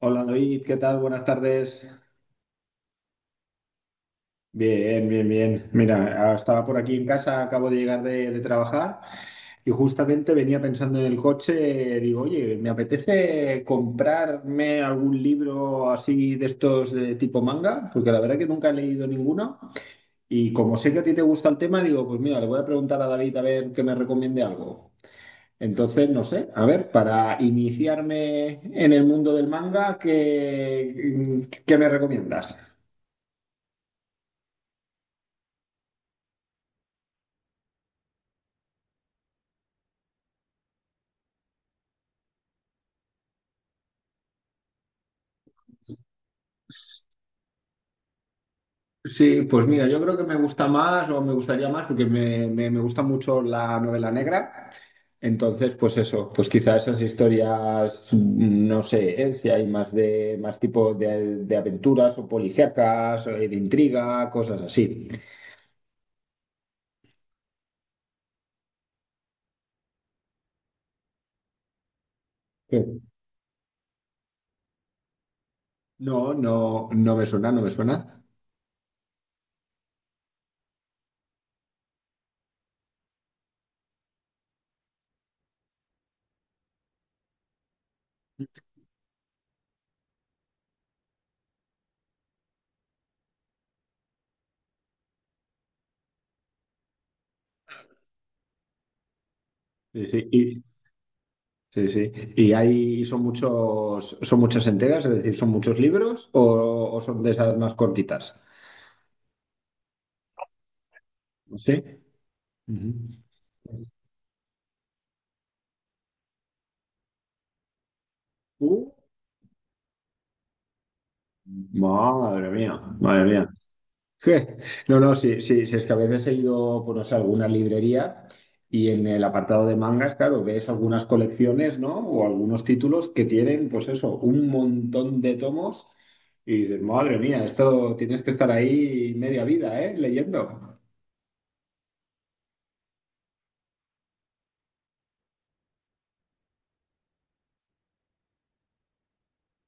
Hola David, ¿qué tal? Buenas tardes. Bien, bien, bien. Mira, estaba por aquí en casa, acabo de llegar de trabajar y justamente venía pensando en el coche, digo, oye, me apetece comprarme algún libro así de estos de tipo manga, porque la verdad que nunca he leído ninguno y como sé que a ti te gusta el tema, digo, pues mira, le voy a preguntar a David a ver que me recomiende algo. Entonces, no sé, a ver, para iniciarme en el mundo del manga, ¿qué me recomiendas? Sí, pues mira, yo creo que me gusta más o me gustaría más porque me gusta mucho la novela negra. Entonces, pues eso, pues quizá esas historias, no sé, ¿eh? Si hay más de más tipo de aventuras o policíacas, de intriga, cosas así. Sí. No, no, no me suena, no me suena. Sí, sí, y, sí, sí. Y hay, son muchos, son muchas entregas, es decir, son muchos libros o son de esas más cortitas. Sí. Ujú. Madre mía, madre mía. Je. No, no, sí, sí, sí, es que a veces he ido, pues no sé, a alguna librería y en el apartado de mangas, claro, ves algunas colecciones, ¿no? O algunos títulos que tienen, pues eso, un montón de tomos y dices, madre mía, esto tienes que estar ahí media vida, ¿eh? Leyendo.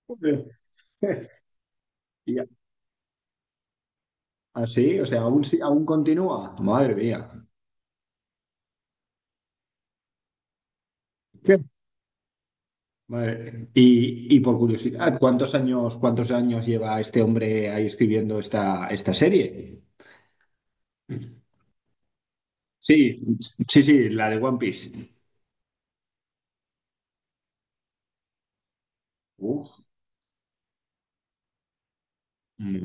Joder. Y así, o sea, aún, aún continúa. Madre mía. Vale. Y por curiosidad, ¿cuántos años lleva este hombre ahí escribiendo esta serie? Sí, sí, sí, la de One Piece. Uf,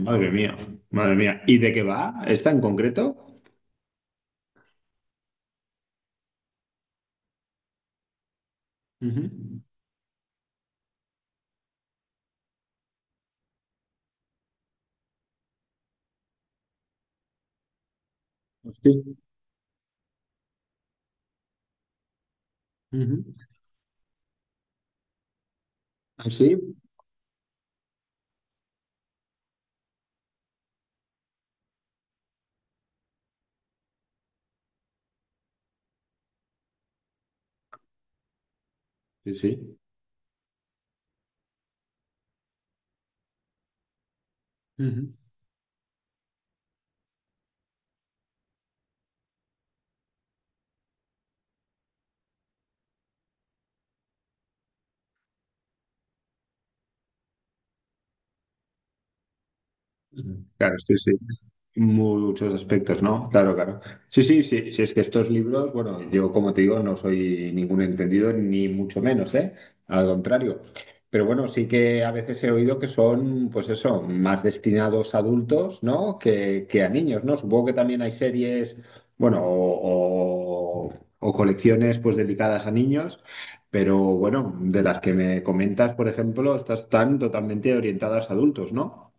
madre mía, madre mía. ¿Y de qué va? ¿Esta en concreto? Ujú. Sí. Ujú. Ah, sí, sí, sí. Ujú. Claro, sí, sí. Muchos aspectos, ¿no? Claro, claro. Sí, sí, sí, sí, es que estos libros, bueno, yo como te digo, no soy ningún entendido, ni mucho menos, ¿eh? Al contrario. Pero bueno, sí que a veces he oído que son, pues eso, más destinados a adultos, ¿no? Que a niños, ¿no? Supongo que también hay series, bueno, o colecciones, pues dedicadas a niños, pero bueno, de las que me comentas, por ejemplo, estas están totalmente orientadas a adultos, ¿no?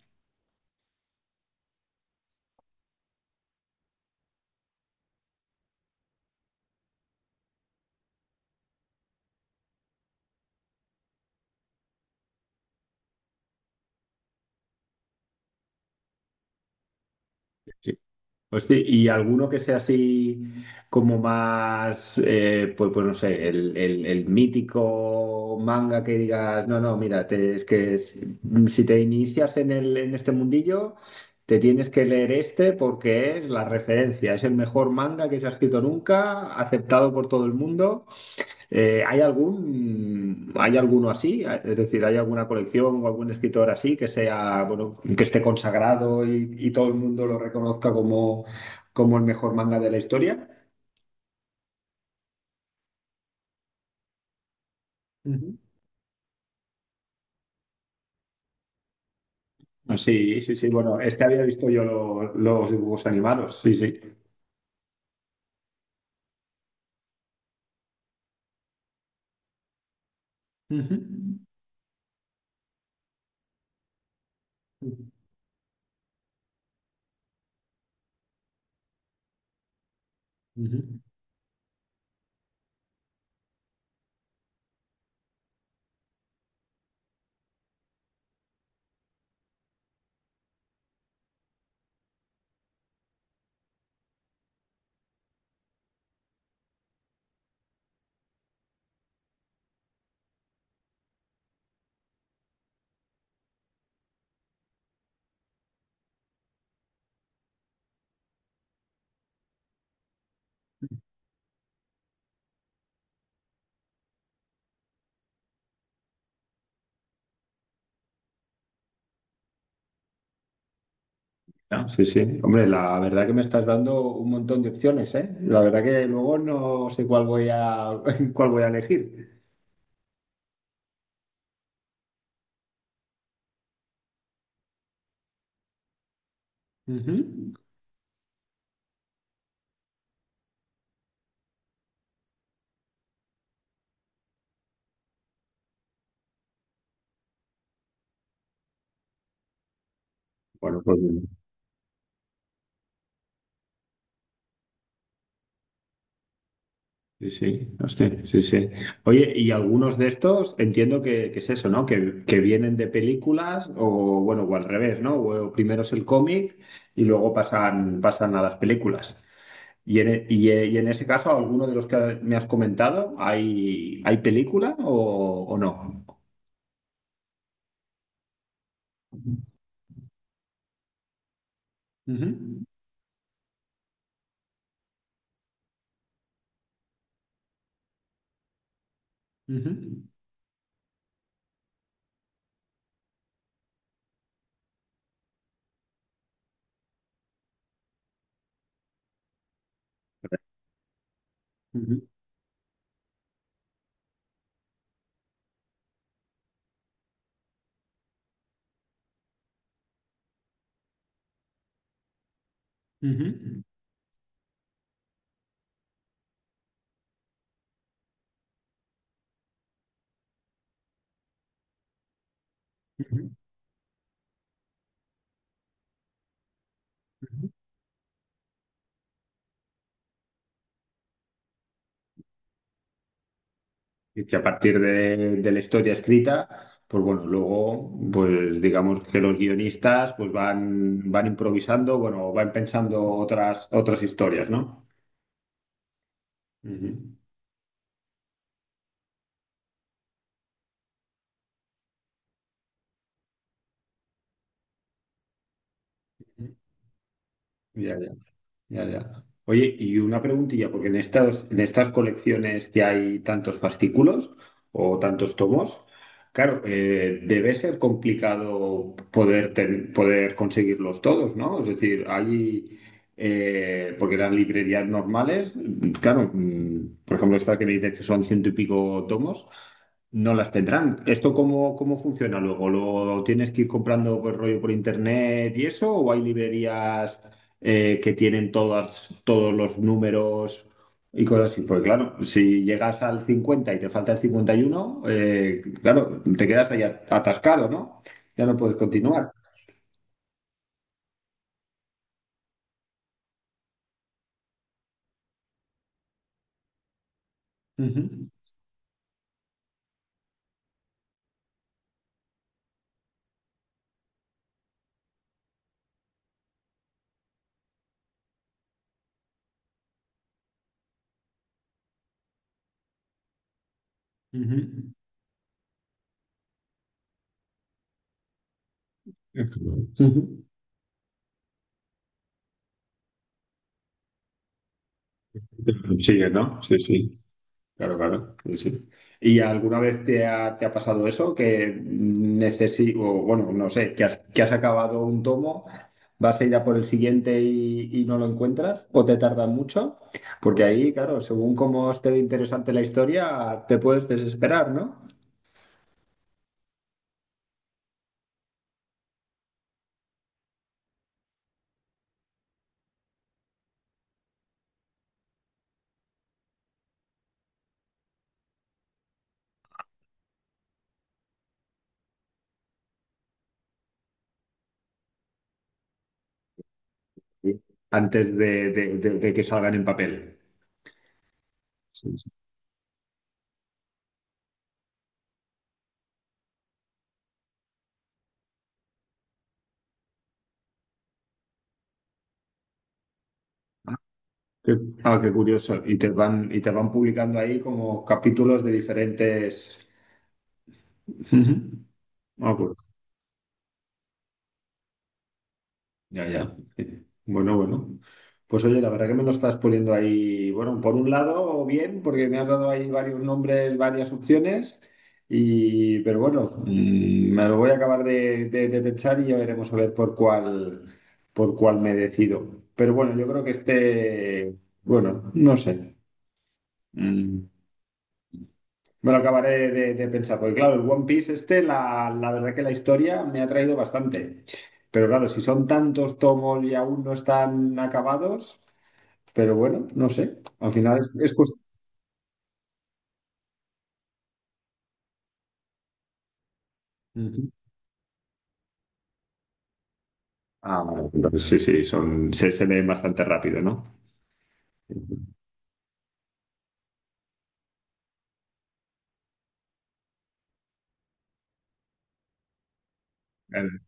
Hostia, y alguno que sea así como más, pues, no sé, el mítico manga que digas, no, no, mira, es que si te inicias en este mundillo, te tienes que leer este porque es la referencia, es el mejor manga que se ha escrito nunca, aceptado por todo el mundo. Hay alguno así? Es decir, ¿hay alguna colección o algún escritor así que sea, bueno, que esté consagrado y todo el mundo lo reconozca como, como el mejor manga de la historia? Ujú. Ah, sí, sí, sí. Bueno, este había visto yo los dibujos animados. Sí, sí. Ujú. Ujú. Ah, sí, sí. Hombre, la verdad que me estás dando un montón de opciones, ¿eh? La verdad que luego no sé cuál voy a, cuál voy a elegir. Ujú. Bueno, pues sí, sí, hostia, sí, sí. Oye, y algunos de estos entiendo que es eso, ¿no? Que vienen de películas o, bueno, o al revés, ¿no? O primero es el cómic y luego pasan a las películas. Y en, e- y, e- y en ese caso, ¿alguno de los que me has comentado, hay película o no? Ujú, ujú, ujú, ujú, ujú, ujú. Y que a partir de la historia escrita, pues bueno, luego, pues digamos que los guionistas pues van improvisando, bueno, van pensando otras historias, ¿no? Ujú. Ya, ya. Ya, ya. Oye, y una preguntilla, porque en estas, colecciones que hay tantos fascículos o tantos tomos, claro, debe ser complicado poder, poder conseguirlos todos, ¿no? Es decir, porque las librerías normales, claro, por ejemplo, esta que me dices que son ciento y pico tomos, no las tendrán. ¿Esto cómo funciona luego? ¿Lo tienes que ir comprando por rollo por internet y eso? ¿O hay librerías? Que tienen todos los números y cosas así. Porque claro, si llegas al 50 y te falta el 51, claro, te quedas ahí atascado, ¿no? Ya no puedes continuar. Ujú, ujú. Ujú. Sigue, ¿no? Sí, sí. Claro, claro, sí, sí. ¿Y alguna vez te ha pasado eso? Que necesito, bueno, no sé, que has acabado un tomo, vas a ir a por el siguiente y no lo encuentras, o te tarda mucho, porque ahí, claro, según cómo esté de interesante la historia, te puedes desesperar, ¿no? Sí. Antes de que salgan en papel. Sí, sí. Ah, qué, ah, qué curioso. Y te van publicando ahí como capítulos de diferentes. Ujú. Ah, pues. Ya, ya. Bueno, bueno. Pues oye, la verdad que me lo estás poniendo ahí, bueno, por un lado bien, porque me has dado ahí varios nombres, varias opciones, y, pero bueno, me lo voy a acabar de pensar y ya veremos a ver por cuál me decido. Pero bueno, yo creo que este, bueno, no sé. Mm. Me lo acabaré de pensar, porque claro, el One Piece este, la verdad que la historia me ha traído bastante. Pero claro, si son tantos tomos y aún no están acabados, pero bueno, no sé, al final es. Ujú. Ah, vale, entonces sí, sí, se leen bastante rápido, ¿no? Claro,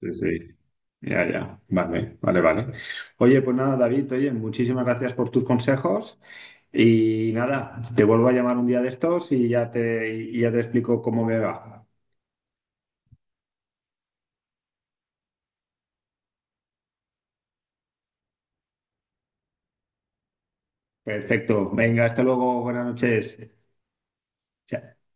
sí, sí. Ya, ya. Vale, vale, vale. Oye, pues nada, David, oye, muchísimas gracias por tus consejos y nada, te vuelvo a llamar un día de estos y ya te explico cómo me va. Perfecto. Venga, hasta luego. Buenas noches. Chao.